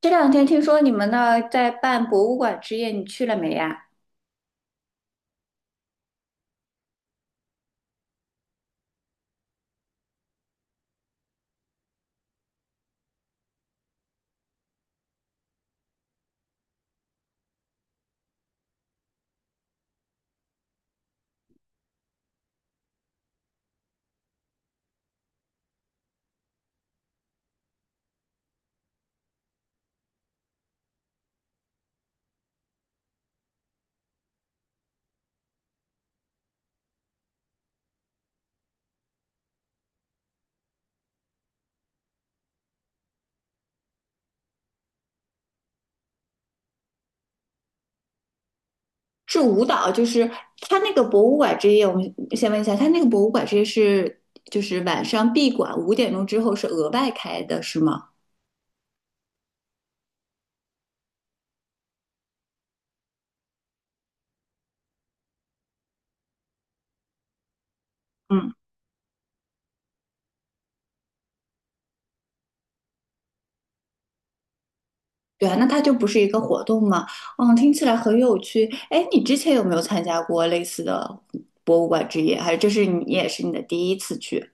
这2天听说你们那儿在办博物馆之夜，你去了没呀？是舞蹈，就是他那个博物馆之夜，我们先问一下，他那个博物馆之夜是就是晚上闭馆，5点钟之后是额外开的，是吗？嗯，对啊，那它就不是一个活动吗？嗯，听起来很有趣。哎，你之前有没有参加过类似的博物馆之夜？还是这是你也是你的第一次去？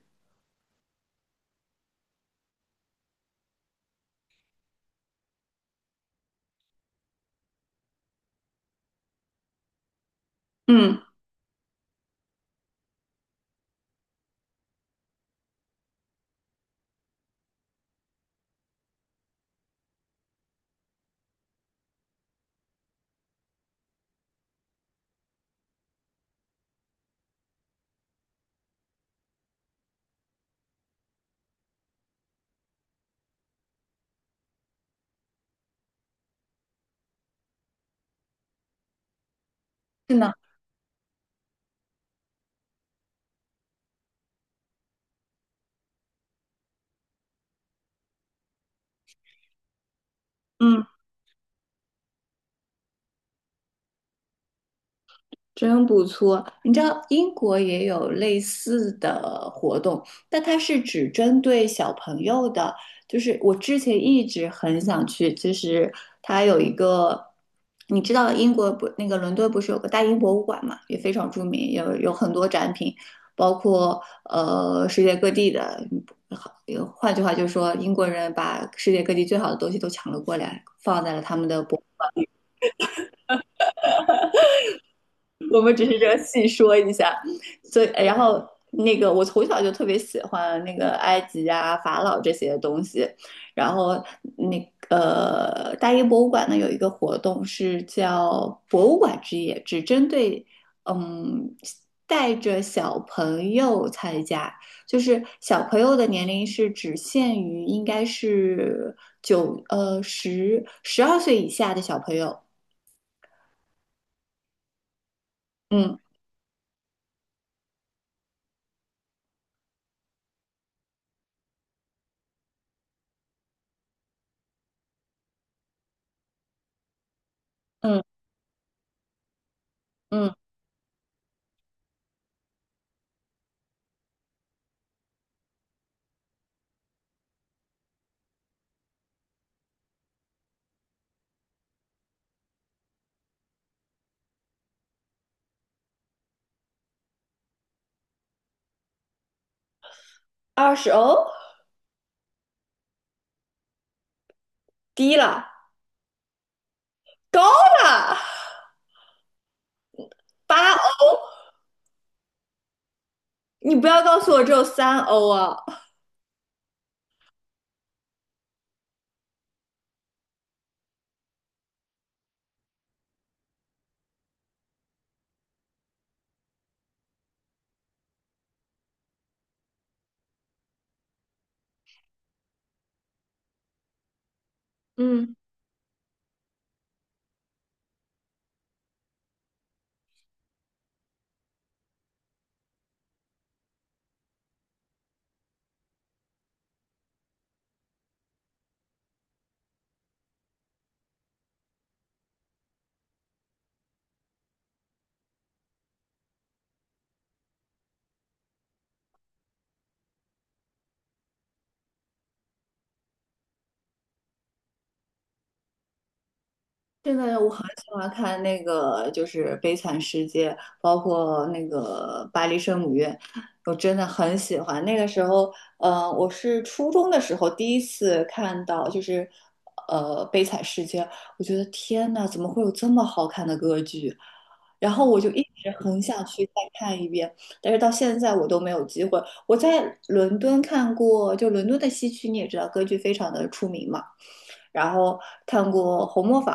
嗯，是呢。嗯。真不错，你知道英国也有类似的活动，但它是只针对小朋友的。就是我之前一直很想去，就是它有一个，你知道英国不，那个伦敦不是有个大英博物馆嘛，也非常著名，有很多展品，包括世界各地的。好，换句话就是说，英国人把世界各地最好的东西都抢了过来，放在了他们的博。我们只是这样细说一下。所以，然后那个我从小就特别喜欢那个埃及啊、法老这些东西。然后那个大英博物馆呢有一个活动是叫博物馆之夜，只针对嗯带着小朋友参加，就是小朋友的年龄是只限于应该是九呃十十二岁以下的小朋友。嗯嗯嗯，20哦。低了，高了，8欧，你不要告诉我只有3欧啊！嗯，这个我很喜欢看那个，就是《悲惨世界》，包括那个《巴黎圣母院》，我真的很喜欢。那个时候，我是初中的时候第一次看到，就是《悲惨世界》，我觉得天呐，怎么会有这么好看的歌剧？然后我就一直很想去再看一遍，但是到现在我都没有机会。我在伦敦看过，就伦敦的西区，你也知道，歌剧非常的出名嘛。然后看过《红磨坊》，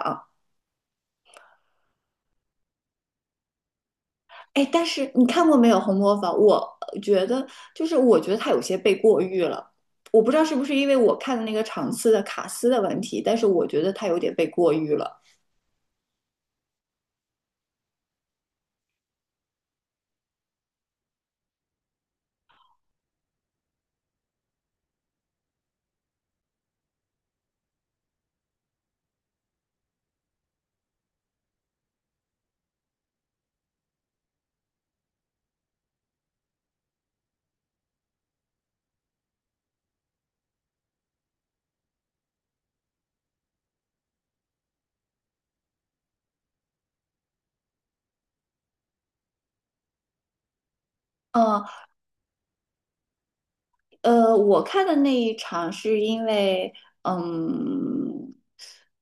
哎，但是你看过没有《红磨坊》？呃觉得我觉得他有些被过誉了，我不知道是不是因为我看的那个场次的卡司的问题，但是我觉得他有点被过誉了。嗯，我看的那一场是因为，嗯，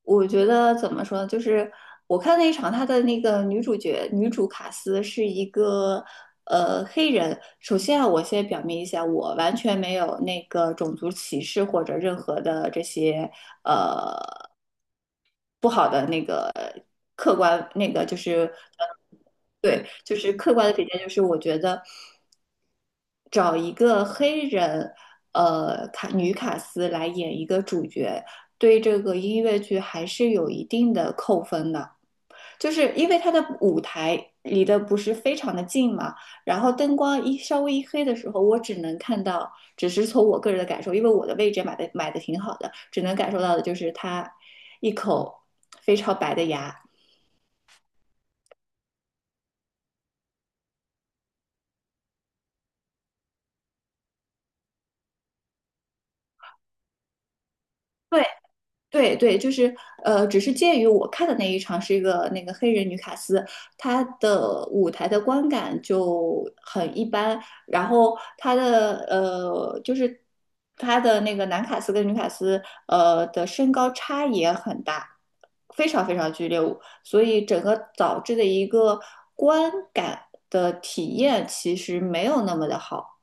我觉得怎么说呢就是我看那一场，她的那个女主卡斯是一个黑人。首先啊，我先表明一下，我完全没有那个种族歧视或者任何的这些呃不好的那个客观那个就是。对，就是客观的评价，就是我觉得找一个黑人，女卡斯来演一个主角，对这个音乐剧还是有一定的扣分的，就是因为它的舞台离得不是非常的近嘛，然后灯光一稍微一黑的时候，我只能看到，只是从我个人的感受，因为我的位置买的挺好的，只能感受到的就是他一口非常白的牙。对。对对，就是只是鉴于我看的那一场是一个那个黑人女卡斯，她的舞台的观感就很一般，然后她的那个男卡斯跟女卡斯的身高差也很大，非常非常剧烈，所以整个导致的一个观感的体验其实没有那么的好。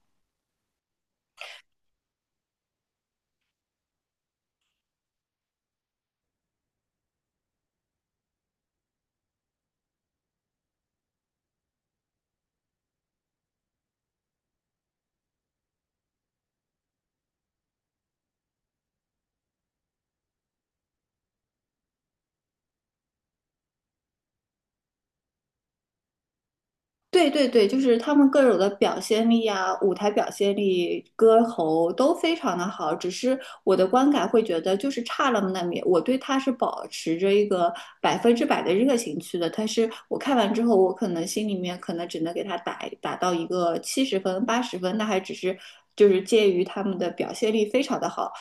对对对，就是他们各种的表现力啊，舞台表现力、歌喉都非常的好，只是我的观感会觉得就是差了那么点。我对他是保持着一个100%的热情去的，但是我看完之后，我可能心里面可能只能给他打到一个70分、80分，那还只是就是介于他们的表现力非常的好，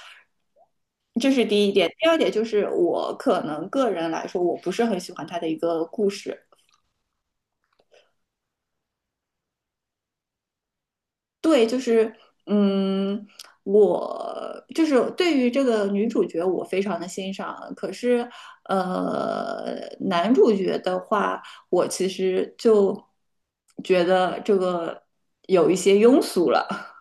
这是第一点。第二点就是我可能个人来说，我不是很喜欢他的一个故事。对，就是，嗯，我就是对于这个女主角，我非常的欣赏。可是，男主角的话，我其实就觉得这个有一些庸俗了。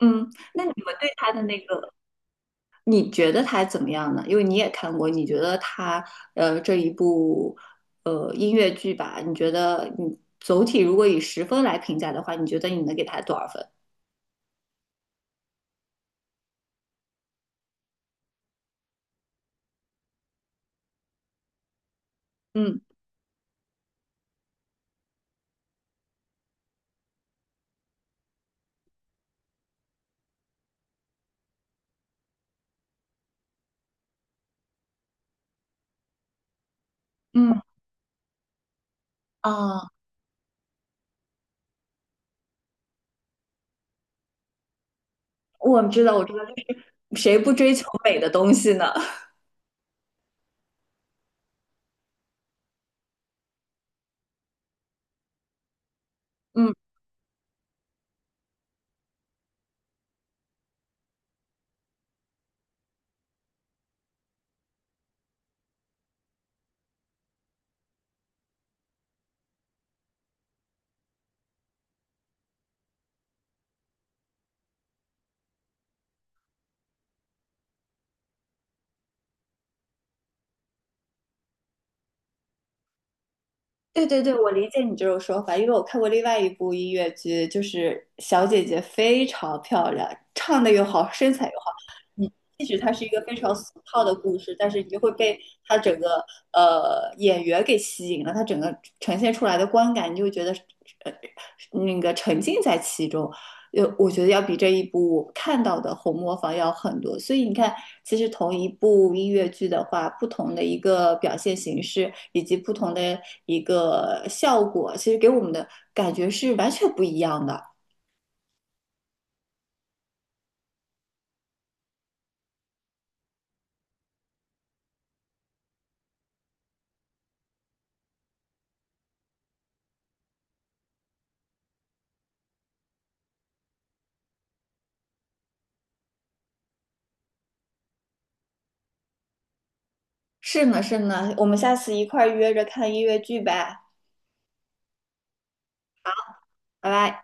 嗯，那你们对他的那个，你觉得他怎么样呢？因为你也看过，你觉得他这一部音乐剧吧，你觉得你总体如果以十分来评价的话，你觉得你能给他多少分？嗯嗯。啊，我知道，我知道，就是谁不追求美的东西呢？嗯，对对对，我理解你这种说法，因为我看过另外一部音乐剧，就是小姐姐非常漂亮，唱的又好，身材又好。你即使它是一个非常俗套的故事，但是你就会被她整个演员给吸引了，她整个呈现出来的观感，你就会觉得呃那个沉浸在其中。我觉得要比这一部我看到的红磨坊要很多，所以你看，其实同一部音乐剧的话，不同的一个表现形式以及不同的一个效果，其实给我们的感觉是完全不一样的。是呢，是呢，我们下次一块儿约着看音乐剧呗，拜拜。